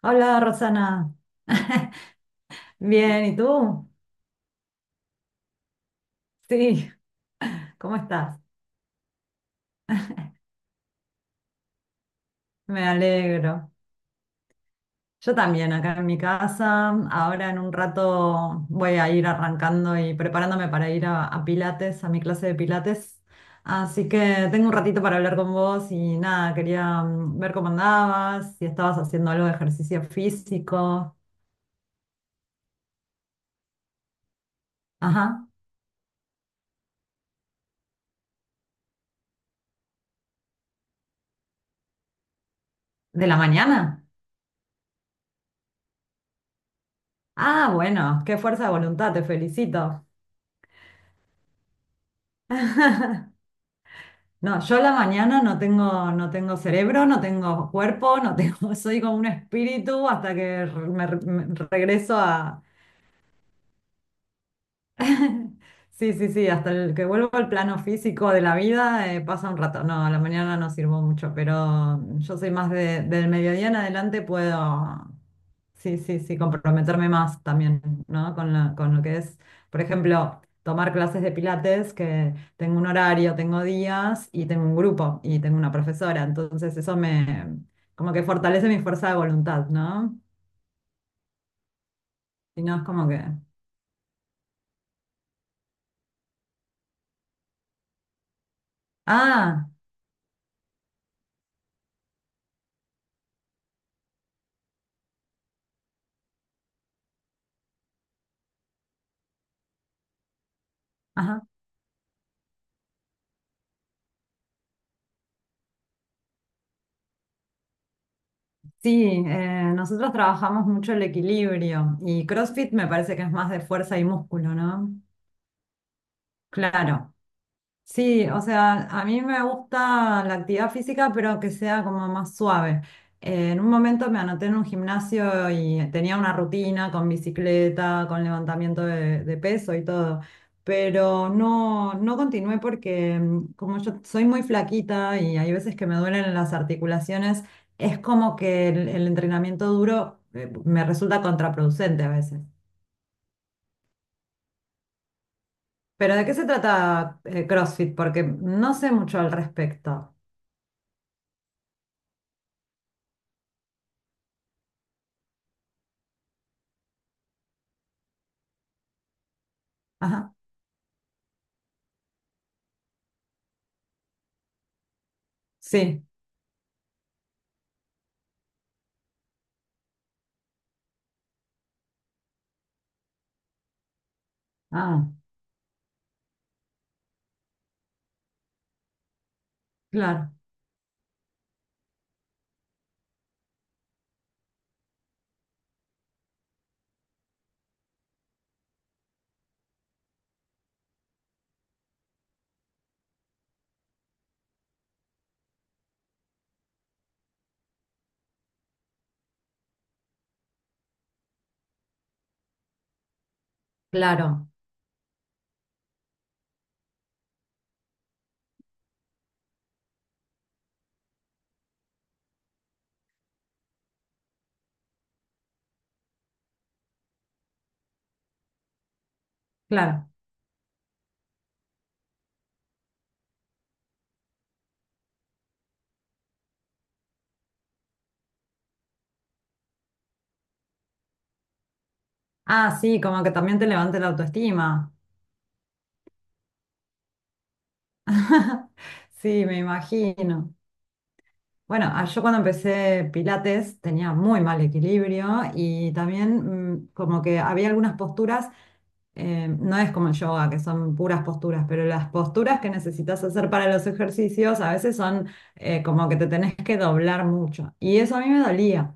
Hola, Rosana. Bien, ¿y tú? Sí, ¿cómo estás? Me alegro. Yo también, acá en mi casa. Ahora en un rato voy a ir arrancando y preparándome para ir a Pilates, a mi clase de Pilates. Así que tengo un ratito para hablar con vos y nada, quería ver cómo andabas, si estabas haciendo algo de ejercicio físico. Ajá, ¿de la mañana? Ah, bueno, qué fuerza de voluntad, te felicito. No, yo a la mañana no tengo, no tengo cerebro, no tengo cuerpo, no tengo, soy como un espíritu hasta que me regreso a, sí, sí, sí, hasta el que vuelvo al plano físico de la vida, pasa un rato. No, a la mañana no sirvo mucho, pero yo soy más del mediodía en adelante puedo, sí, sí, sí, comprometerme más también, ¿no? Con lo que es, por ejemplo, tomar clases de pilates, que tengo un horario, tengo días y tengo un grupo y tengo una profesora, entonces eso me, como que fortalece mi fuerza de voluntad, ¿no? Si no, es como que, ah, ajá. Sí, nosotros trabajamos mucho el equilibrio y CrossFit me parece que es más de fuerza y músculo, ¿no? Claro. Sí, o sea, a mí me gusta la actividad física, pero que sea como más suave. En un momento me anoté en un gimnasio y tenía una rutina con bicicleta, con levantamiento de peso y todo, pero no, no continué porque como yo soy muy flaquita y hay veces que me duelen las articulaciones, es como que el entrenamiento duro, me resulta contraproducente a veces. Pero ¿de qué se trata, CrossFit? Porque no sé mucho al respecto. Ajá. Sí, ah, claro, claro, claro. Ah, sí, como que también te levante la autoestima. Sí, me imagino. Bueno, ah, yo cuando empecé Pilates tenía muy mal equilibrio y también como que había algunas posturas, no es como el yoga, que son puras posturas, pero las posturas que necesitas hacer para los ejercicios a veces son, como que te tenés que doblar mucho. Y eso a mí me dolía.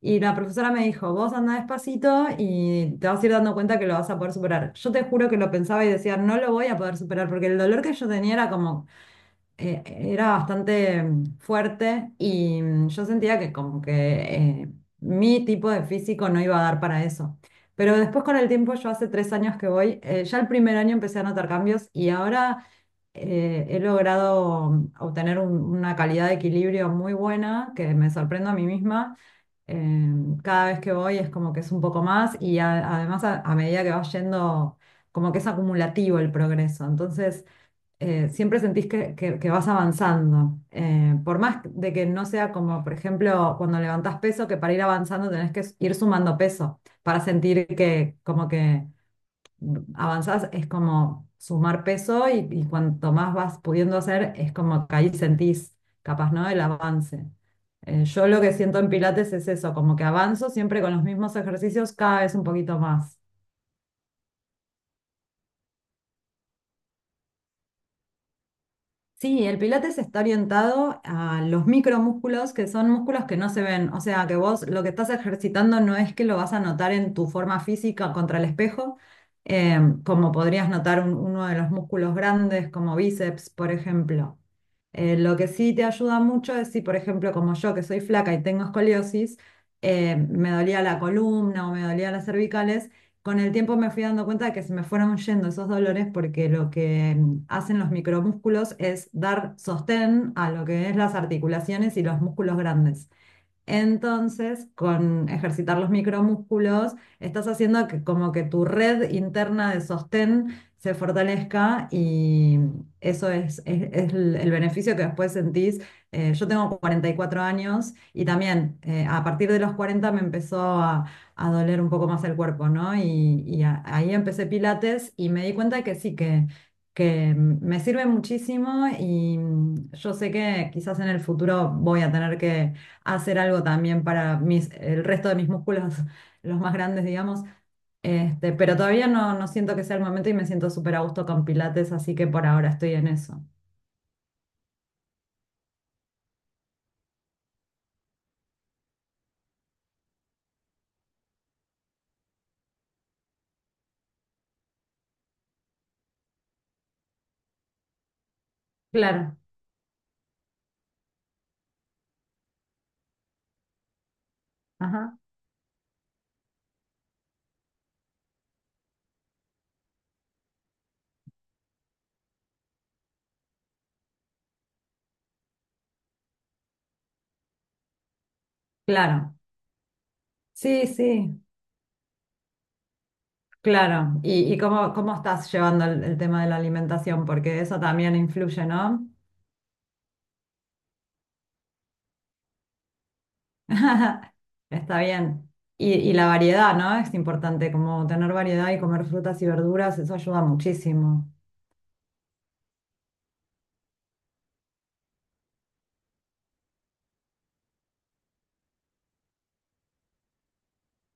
Y la profesora me dijo, vos anda despacito y te vas a ir dando cuenta que lo vas a poder superar. Yo te juro que lo pensaba y decía, no lo voy a poder superar, porque el dolor que yo tenía era como, era bastante fuerte y yo sentía que como que, eh, mi tipo de físico no iba a dar para eso. Pero después con el tiempo, yo hace 3 años que voy, ya el primer año empecé a notar cambios y ahora he logrado obtener una calidad de equilibrio muy buena, que me sorprendo a mí misma, cada vez que voy es como que es un poco más y además a medida que vas yendo, como que es acumulativo el progreso. Entonces, siempre sentís que vas avanzando. Por más de que no sea como, por ejemplo, cuando levantás peso, que para ir avanzando tenés que ir sumando peso para sentir que como que avanzás, es como sumar peso y cuanto más vas pudiendo hacer, es como que ahí sentís, capaz, ¿no? El avance. Yo lo que siento en Pilates es eso, como que avanzo siempre con los mismos ejercicios cada vez un poquito más. Sí, el pilates está orientado a los micromúsculos, que son músculos que no se ven. O sea, que vos lo que estás ejercitando no es que lo vas a notar en tu forma física contra el espejo, como podrías notar uno de los músculos grandes, como bíceps, por ejemplo. Lo que sí te ayuda mucho es si, por ejemplo, como yo, que soy flaca y tengo escoliosis, me dolía la columna o me dolía las cervicales. Con el tiempo me fui dando cuenta de que se me fueron yendo esos dolores, porque lo que hacen los micromúsculos es dar sostén a lo que es las articulaciones y los músculos grandes. Entonces, con ejercitar los micromúsculos, estás haciendo que como que tu red interna de sostén se fortalezca y eso es el beneficio que después sentís. Yo tengo 44 años y también, a partir de los 40 me empezó a doler un poco más el cuerpo, ¿no? Y ahí empecé Pilates y me di cuenta que sí, que me sirve muchísimo y yo sé que quizás en el futuro voy a tener que hacer algo también para el resto de mis músculos, los más grandes, digamos. Pero todavía no, no siento que sea el momento y me siento súper a gusto con Pilates, así que por ahora estoy en eso. Claro, ajá, claro. Sí, sí, claro. ¿Y cómo estás llevando el tema de la alimentación? Porque eso también influye, ¿no? Está bien. Y la variedad, ¿no? Es importante, como tener variedad y comer frutas y verduras, eso ayuda muchísimo.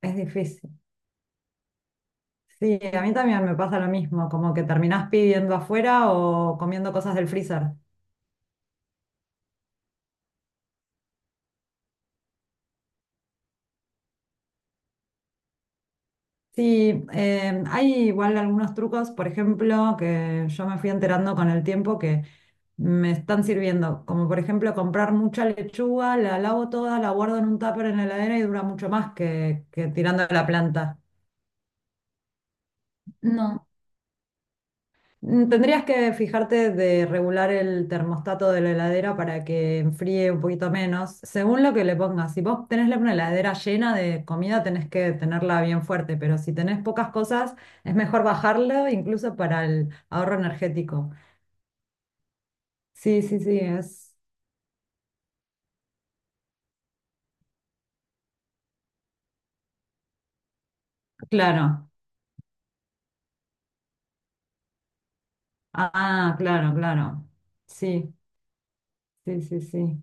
Es difícil. Sí, a mí también me pasa lo mismo, como que terminás pidiendo afuera o comiendo cosas del freezer. Sí, hay igual algunos trucos, por ejemplo, que yo me fui enterando con el tiempo que me están sirviendo, como por ejemplo comprar mucha lechuga, la lavo toda, la guardo en un tupper en la heladera y dura mucho más que tirando a la planta. No. Tendrías que fijarte de regular el termostato de la heladera para que enfríe un poquito menos, según lo que le pongas. Si vos tenés una heladera llena de comida, tenés que tenerla bien fuerte, pero si tenés pocas cosas, es mejor bajarlo incluso para el ahorro energético. Sí, sí, sí, es claro. Ah, claro, claro. Sí, sí, sí, sí.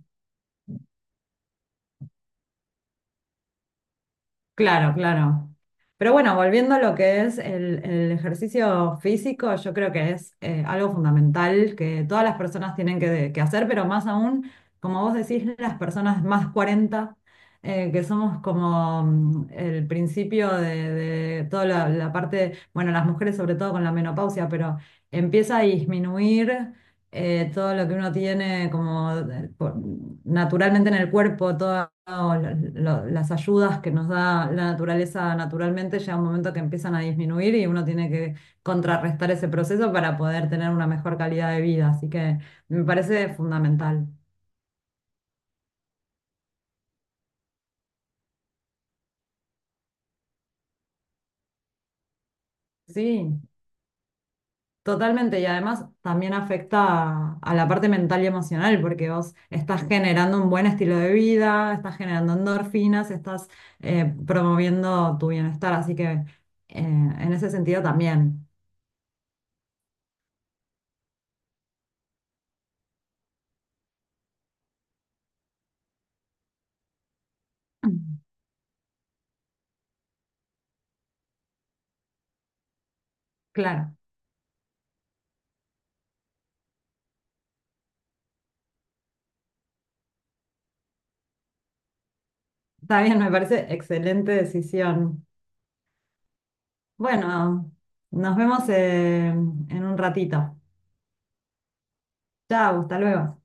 Claro, claro. Pero bueno, volviendo a lo que es el ejercicio físico, yo creo que es, algo fundamental que todas las personas tienen que hacer, pero más aún, como vos decís, las personas más 40, que somos como, el principio de toda la parte, bueno, las mujeres sobre todo con la menopausia, pero empieza a disminuir, todo lo que uno tiene como naturalmente en el cuerpo, todas las ayudas que nos da la naturaleza naturalmente, llega un momento que empiezan a disminuir y uno tiene que contrarrestar ese proceso para poder tener una mejor calidad de vida. Así que me parece fundamental. Sí. Totalmente, y además también afecta a la parte mental y emocional, porque vos estás generando un buen estilo de vida, estás generando endorfinas, estás, promoviendo tu bienestar, así que, en ese sentido también. Claro, está bien, me parece excelente decisión. Bueno, nos vemos, en un ratito. Chao, hasta luego.